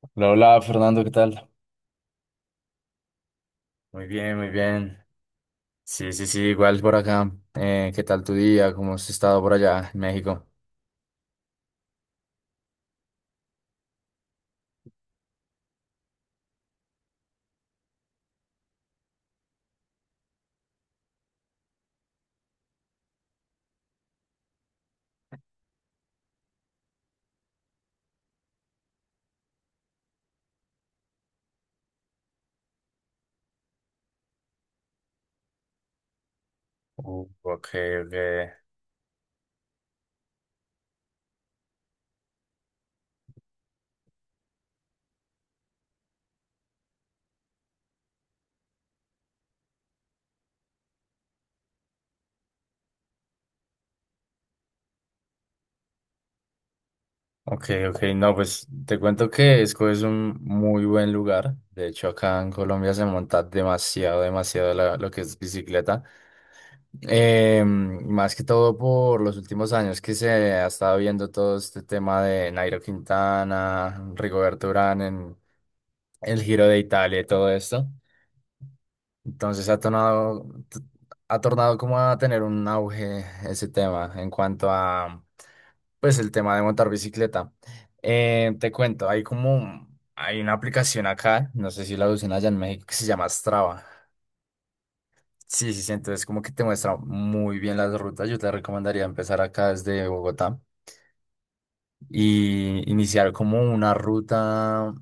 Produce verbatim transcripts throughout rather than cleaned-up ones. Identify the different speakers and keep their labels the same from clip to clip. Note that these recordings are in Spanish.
Speaker 1: Hola, hola, Fernando, ¿qué tal? Muy bien, muy bien. Sí, sí, sí, igual por acá. Eh, ¿qué tal tu día? ¿Cómo has estado por allá en México? Uh, ok, ok. Ok, ok, no, pues te cuento que Esco es un muy buen lugar. De hecho, acá en Colombia se monta demasiado, demasiado la- lo que es bicicleta. Eh, más que todo por los últimos años que se ha estado viendo todo este tema de Nairo Quintana, Rigoberto Urán en el Giro de Italia y todo esto. Entonces ha tornado, t- ha tornado como a tener un auge ese tema en cuanto a, pues, el tema de montar bicicleta. Eh, te cuento, hay como, hay una aplicación acá, no sé si la usan allá en México, que se llama Strava. Sí, sí, sí, entonces como que te muestra muy bien las rutas. Yo te recomendaría empezar acá desde Bogotá y iniciar como una ruta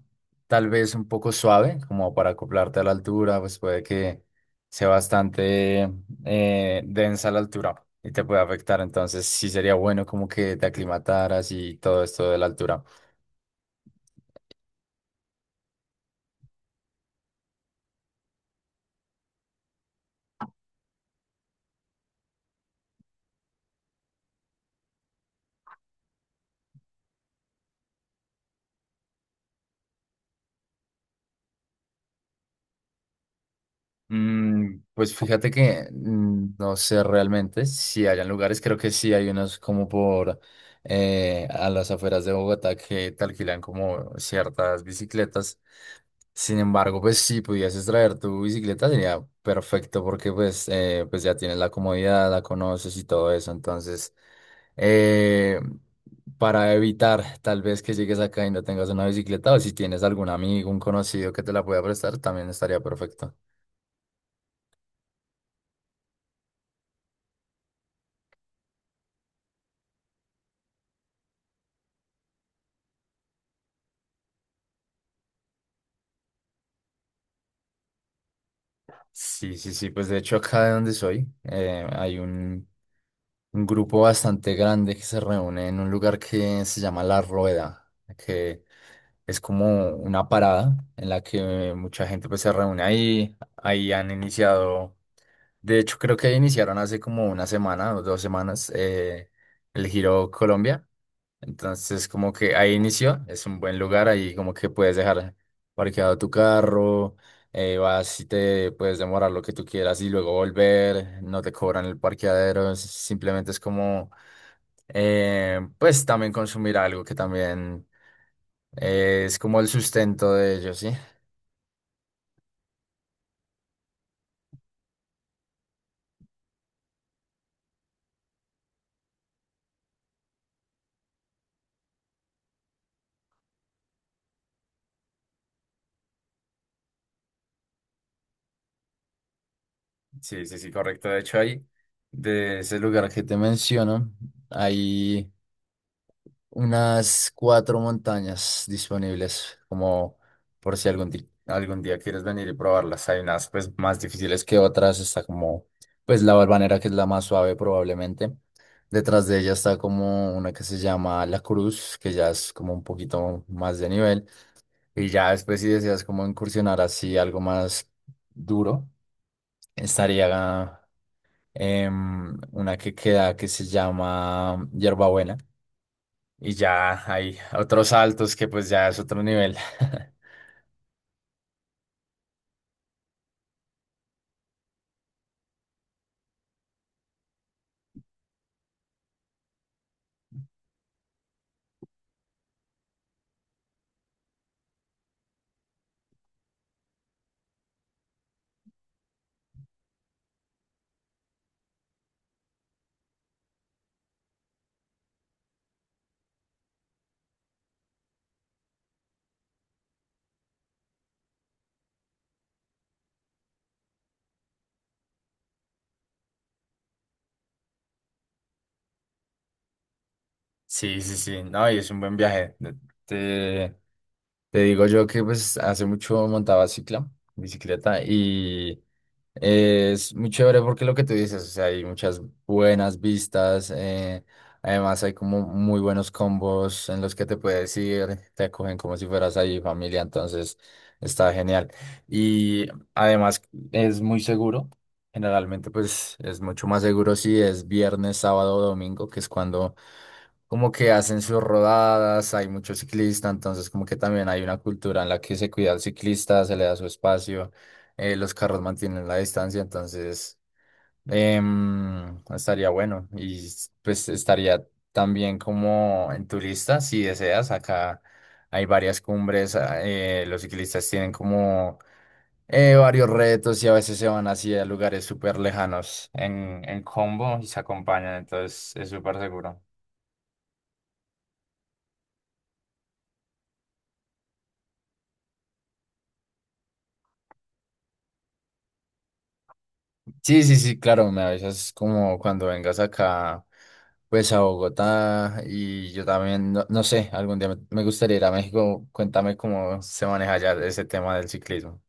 Speaker 1: tal vez un poco suave, como para acoplarte a la altura, pues puede que sea bastante eh, densa la altura y te puede afectar. Entonces sí sería bueno como que te aclimataras y todo esto de la altura. Mm, pues fíjate que mm, no sé realmente si hayan lugares, creo que sí hay unos como por eh, a las afueras de Bogotá que te alquilan como ciertas bicicletas. Sin embargo, pues si pudieses traer tu bicicleta sería perfecto porque pues, eh, pues ya tienes la comodidad, la conoces y todo eso. Entonces, eh, para evitar tal vez que llegues acá y no tengas una bicicleta o si tienes algún amigo, un conocido que te la pueda prestar, también estaría perfecto. Sí, sí, sí, pues de hecho acá de donde soy eh, hay un, un grupo bastante grande que se reúne en un lugar que se llama La Rueda, que es como una parada en la que mucha gente pues se reúne ahí, ahí han iniciado, de hecho creo que iniciaron hace como una semana o dos semanas eh, el Giro Colombia. Entonces, como que ahí inició, es un buen lugar, ahí como que puedes dejar parqueado tu carro, eh, vas y te puedes demorar lo que tú quieras y luego volver, no te cobran el parqueadero, es- simplemente es como, eh, pues también consumir algo que también eh, es como el sustento de ellos, ¿sí? Sí, sí, sí, correcto. De hecho, ahí, de ese lugar que te menciono, ahí unas cuatro montañas disponibles, como por si algún día, algún día quieres venir y probarlas. Hay unas pues más difíciles que otras, está como pues la Barbanera, que es la más suave probablemente. Detrás de ella está como una que se llama La Cruz, que ya es como un poquito más de nivel. Y ya después, si deseas como incursionar así algo más duro, estaría em, una que queda que se llama Hierbabuena, y ya hay otros saltos que pues ya es otro nivel. Sí, sí, sí, no, y es un buen viaje. De- Te, te digo yo que pues hace mucho montaba cicla, bicicleta, y es muy chévere porque lo que tú dices, o sea, hay muchas buenas vistas, eh, además hay como muy buenos combos en los que te puedes ir, te acogen como si fueras ahí familia, entonces está genial. Y además es muy seguro, generalmente pues es mucho más seguro si es viernes, sábado o domingo, que es cuando como que hacen sus rodadas, hay muchos ciclistas, entonces como que también hay una cultura en la que se cuida al ciclista, se le da su espacio, eh, los carros mantienen la distancia, entonces em, estaría bueno y s- pues estaría también como en tu lista, si deseas, acá hay varias cumbres, a- eh, los ciclistas tienen como eh, varios retos y a veces se van así a lugares súper lejanos en, en combo y se acompañan, entonces es súper seguro. Sí, sí, sí, claro, me avisas como cuando vengas acá, pues a Bogotá, y yo también, no, no sé, algún día me, me gustaría ir a México. Cuéntame cómo se maneja allá ese tema del ciclismo.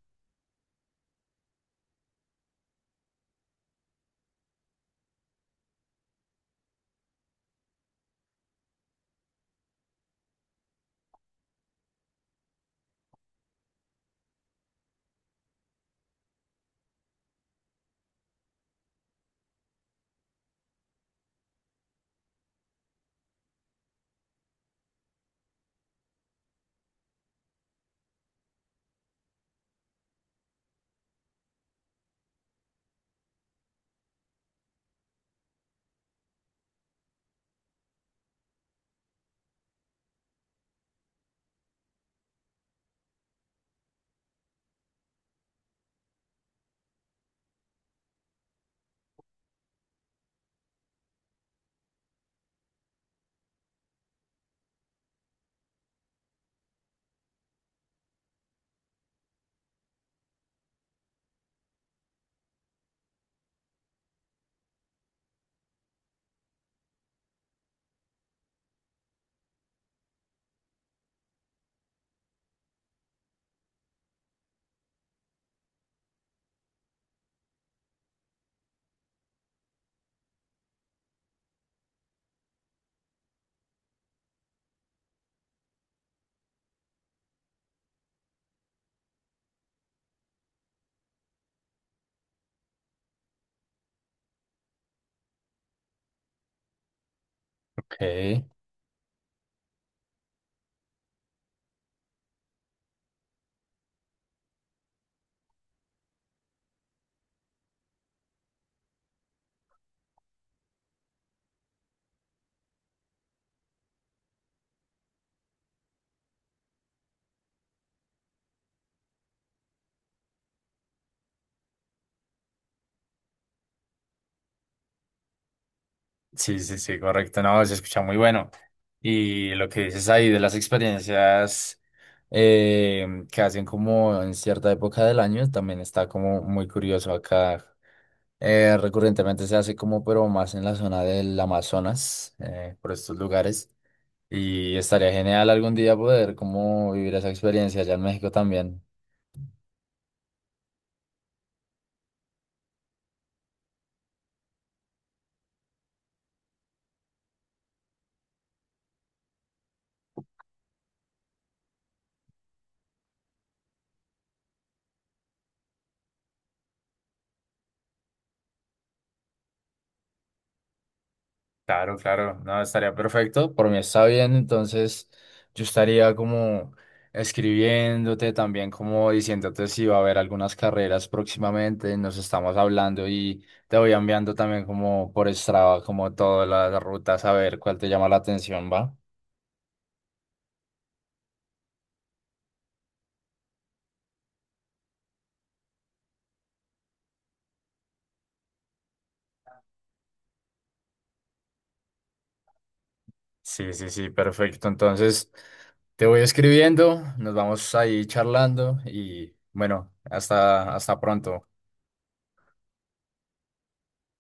Speaker 1: Ok, sí, sí, sí, correcto, no, se escucha muy bueno. Y lo que dices ahí de las experiencias eh, que hacen como en cierta época del año, también está como muy curioso acá. Eh, recurrentemente se hace como, pero más en la zona del Amazonas, eh, por estos lugares. Y estaría genial algún día poder como vivir esa experiencia allá en México también. Claro, claro, no, estaría perfecto. Por mí está bien, entonces yo estaría como escribiéndote también, como diciéndote si va a haber algunas carreras próximamente, nos estamos hablando y te voy enviando también como por Strava, como todas las rutas, a ver cuál te llama la atención, ¿va? Sí, sí, sí, perfecto. Entonces, te voy escribiendo, nos vamos ahí charlando y bueno, hasta, hasta pronto.